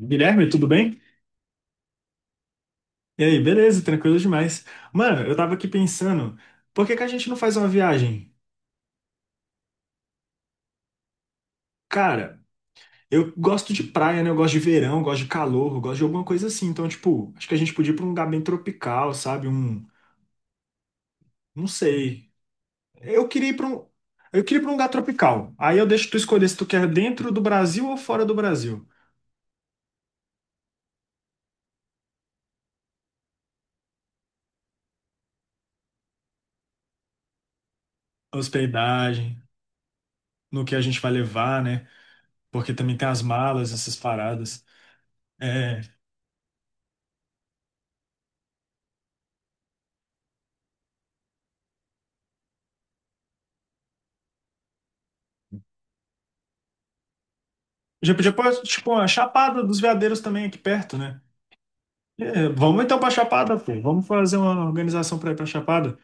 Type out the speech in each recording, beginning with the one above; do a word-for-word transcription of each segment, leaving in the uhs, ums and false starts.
Guilherme, tudo bem? E aí, beleza, tranquilo demais. Mano, eu tava aqui pensando, por que que a gente não faz uma viagem? Cara, eu gosto de praia, né? Eu gosto de verão, eu gosto de calor, eu gosto de alguma coisa assim. Então, tipo, acho que a gente podia ir pra um lugar bem tropical, sabe? Um, não sei. Eu queria ir pra um, eu queria ir pra um lugar tropical. Aí eu deixo tu escolher se tu quer dentro do Brasil ou fora do Brasil. Hospedagem, no que a gente vai levar, né? Porque também tem as malas, essas paradas. É, Já podia pôr, tipo, a Chapada dos Veadeiros também aqui perto, né? É, vamos então pra Chapada, pô. Vamos fazer uma organização pra ir pra Chapada.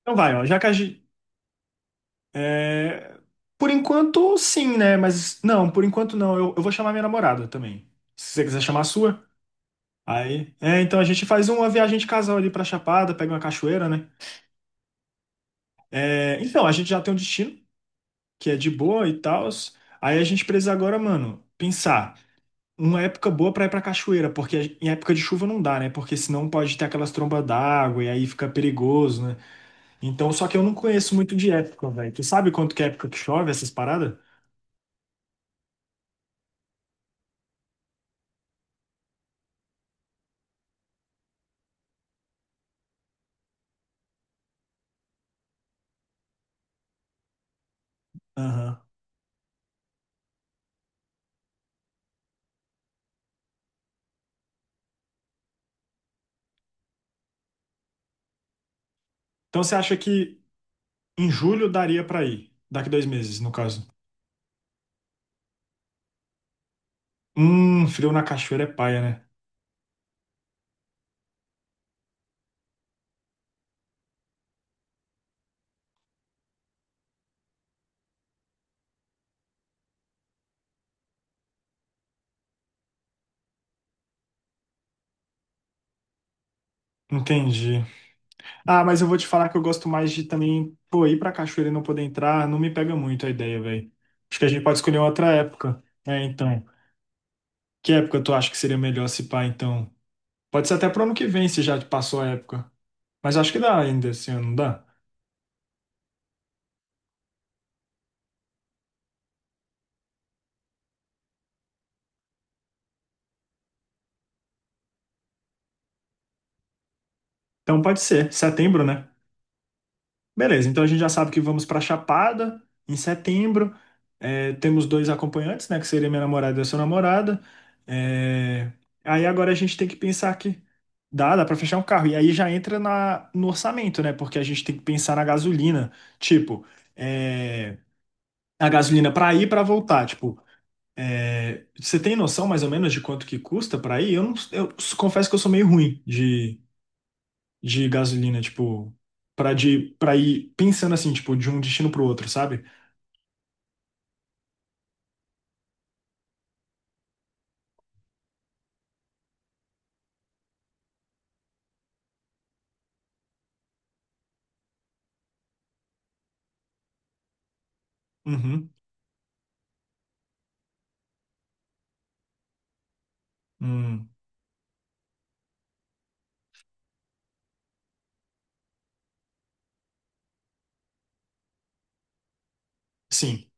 Então vai, ó. Já que a gente. é, Por enquanto, sim, né? Mas não, por enquanto não. Eu, eu vou chamar minha namorada também. Se você quiser chamar a sua. Aí. É, então a gente faz uma viagem de casal ali pra Chapada, pega uma cachoeira, né? É, então, a gente já tem um destino, que é de boa e tal. Aí a gente precisa agora, mano, pensar. Uma época boa pra ir pra cachoeira, porque em época de chuva não dá, né? Porque senão pode ter aquelas trombas d'água e aí fica perigoso, né? Então, só que eu não conheço muito de época, velho. Tu sabe quanto que é época que chove essas paradas? Aham. Então você acha que em julho daria pra ir? Daqui dois meses, no caso. Hum, frio na cachoeira é paia, né? Entendi. Ah, mas eu vou te falar que eu gosto mais de também, pô, ir pra cachoeira e não poder entrar, não me pega muito a ideia, velho. Acho que a gente pode escolher outra época. É, então. Que época tu acha que seria melhor se pá, então? Pode ser até pro ano que vem, se já passou a época. Mas acho que dá ainda esse ano, não dá? Então pode ser, setembro, né? Beleza, então a gente já sabe que vamos pra Chapada em setembro. É, temos dois acompanhantes, né? Que seria minha namorada e a sua namorada. É, Aí agora a gente tem que pensar que dá, dá pra fechar um carro. E aí já entra na... no orçamento, né? Porque a gente tem que pensar na gasolina. Tipo, é, a gasolina pra ir e pra voltar. Tipo, É, você tem noção mais ou menos de quanto que custa para ir? Eu não, eu s- confesso que eu sou meio ruim de, de gasolina, tipo, para de para ir pensando assim, tipo, de um destino pro outro, sabe? Uhum. Hum, sim.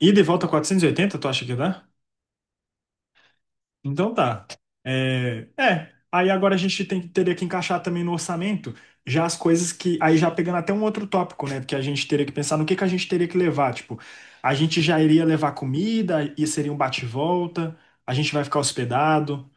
Ida e volta quatrocentos e oitenta, tu acha que dá? Então tá. É, é, aí agora a gente tem, que- teria que encaixar também no orçamento já as coisas que. Aí já pegando até um outro tópico, né? Porque a gente teria que pensar no que, que a gente teria que levar. Tipo, a gente já iria levar comida e seria um bate-volta, a gente vai ficar hospedado,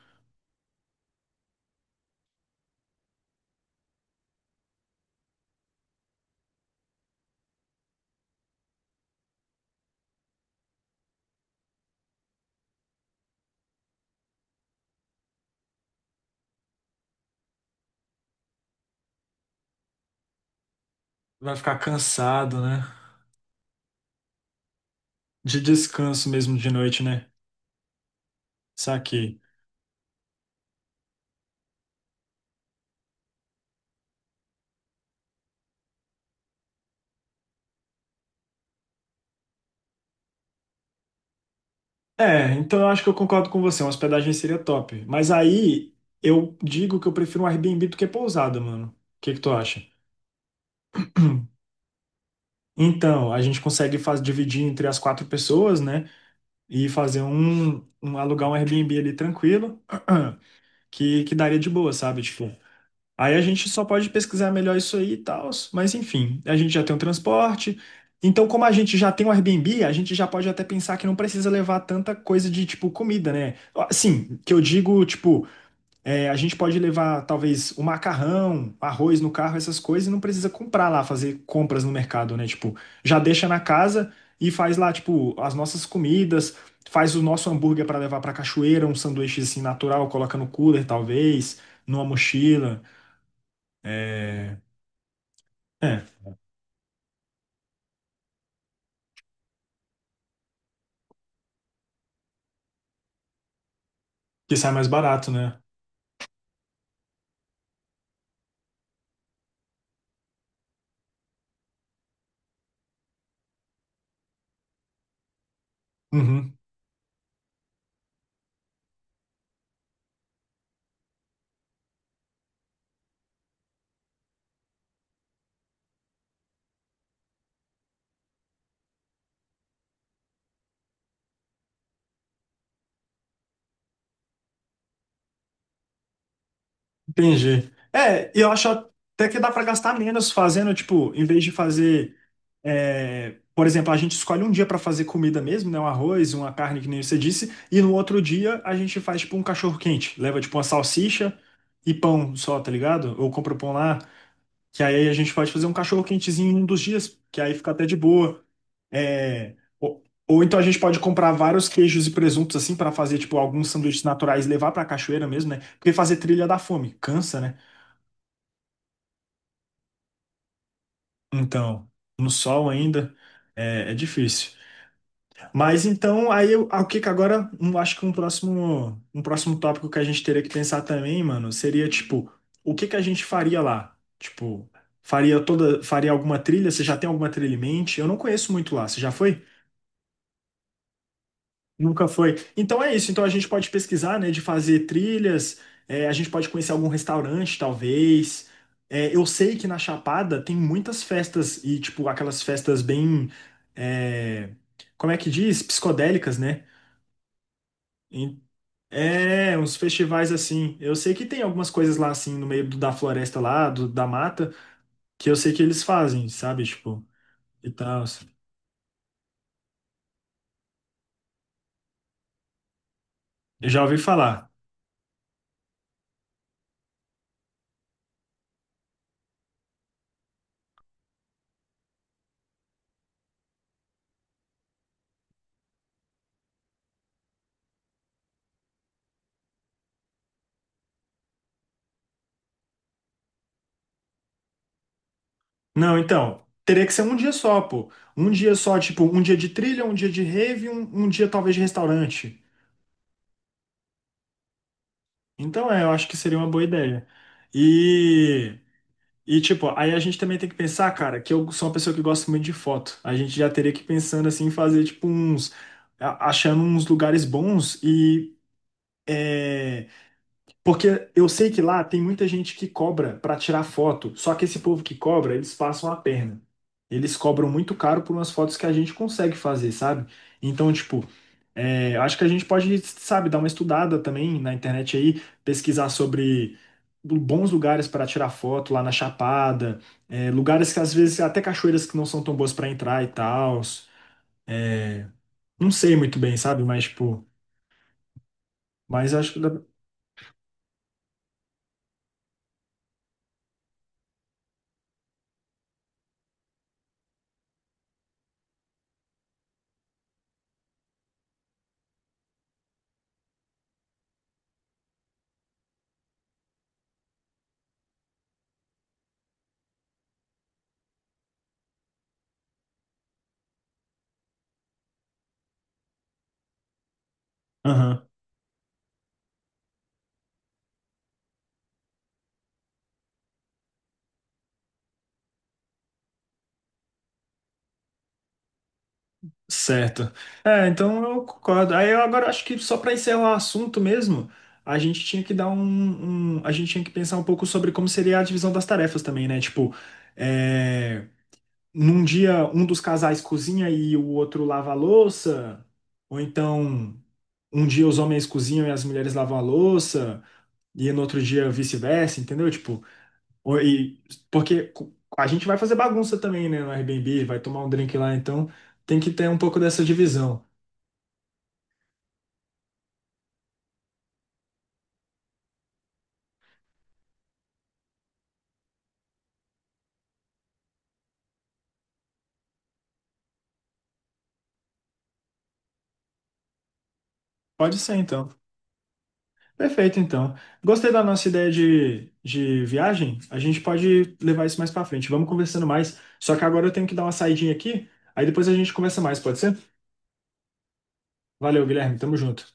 vai ficar cansado, né? De descanso mesmo de noite, né? Saquei. É, então eu acho que eu concordo com você, uma hospedagem seria top. Mas aí eu digo que eu prefiro um Airbnb do que pousada, mano. O que que tu acha? Então, a gente consegue faz, dividir entre as quatro pessoas, né? E fazer um, um- alugar um Airbnb ali tranquilo, que, que daria de boa, sabe? Tipo, aí a gente só pode pesquisar melhor isso aí e tal, mas enfim, a gente já tem o transporte. Então, como a gente já tem o Airbnb, a gente já pode até pensar que não precisa levar tanta coisa de tipo comida, né? Ó, Sim, que eu digo, tipo, é, a gente pode levar, talvez, o macarrão, arroz no carro, essas coisas, e não precisa comprar lá, fazer compras no mercado, né? Tipo, já deixa na casa e faz lá, tipo, as nossas comidas, faz o nosso hambúrguer para levar para cachoeira, um sanduíche assim natural, coloca no cooler, talvez, numa mochila. É, é, que sai mais barato, né? Uhum. Entendi. É, e eu acho até que dá para gastar menos fazendo, tipo, em vez de fazer, é, por exemplo, a gente escolhe um dia para fazer comida mesmo, né? Um arroz, uma carne, que nem você disse, e no outro dia a gente faz, tipo, um cachorro-quente. Leva, tipo, uma salsicha e pão só, tá ligado? Ou compra o pão lá, que aí a gente pode fazer um cachorro-quentezinho em um dos dias, que aí fica até de boa. É, ou, ou então a gente pode comprar vários queijos e presuntos, assim, para fazer, tipo, alguns sanduíches naturais e levar para a cachoeira mesmo, né? Porque fazer trilha dá fome, cansa, né? Então, no sol ainda é, é difícil. Mas então, aí eu, ah, o que que agora, um, acho que um próximo, um próximo tópico que a gente teria que pensar também, mano, seria tipo, o que que a gente faria lá? Tipo, faria toda, faria alguma trilha? Você já tem alguma trilha em mente? Eu não conheço muito lá. Você já foi? Nunca foi. Então é isso. Então a gente pode pesquisar, né, de fazer trilhas, é, a gente pode conhecer algum restaurante, talvez. É, eu sei que na Chapada tem muitas festas e, tipo, aquelas festas bem, é, como é que diz? Psicodélicas, né? Em- É, uns festivais assim. Eu sei que tem algumas coisas lá, assim, no meio do- da floresta lá, do- da mata, que eu sei que eles fazem, sabe? Tipo, e tal. Eu já ouvi falar. Não, então, teria que ser um dia só, pô. Um dia só, tipo, um dia de trilha, um dia de rave, um, um dia talvez de restaurante. Então, é, eu acho que seria uma boa ideia. E, e, tipo, aí a gente também tem que pensar, cara, que eu sou uma pessoa que gosta muito de foto. A gente já teria que ir pensando, assim, em fazer, tipo, uns... a- Achando uns lugares bons e... é, Porque eu sei que lá tem muita gente que cobra para tirar foto, só que esse povo que cobra, eles passam a perna. Eles cobram muito caro por umas fotos que a gente consegue fazer, sabe? Então, tipo, é, acho que a gente pode, sabe, dar uma estudada também na internet aí, pesquisar sobre bons lugares para tirar foto lá na Chapada, é, lugares que às vezes até cachoeiras que não são tão boas para entrar e tal. Não sei muito bem, sabe? Mas, tipo, mas acho que. Dá- Aham. Certo. É, então eu concordo. Aí eu agora acho que só para encerrar o assunto mesmo, a gente tinha que dar um, um- A gente tinha que pensar um pouco sobre como seria a divisão das tarefas também, né? Tipo, é, num dia um dos casais cozinha e o outro lava a louça, ou então um dia os homens cozinham e as mulheres lavam a louça, e no outro dia vice-versa, entendeu? Tipo, ou- e, porque co- a gente vai fazer bagunça também, né, no Airbnb, vai tomar um drink lá, então tem que ter um pouco dessa divisão. Pode ser, então. Perfeito, então. Gostei da nossa ideia de, de viagem. A gente pode levar isso mais pra frente. Vamos conversando mais. Só que agora eu tenho que dar uma saidinha aqui. Aí depois a gente conversa mais, pode ser? Valeu, Guilherme. Tamo junto.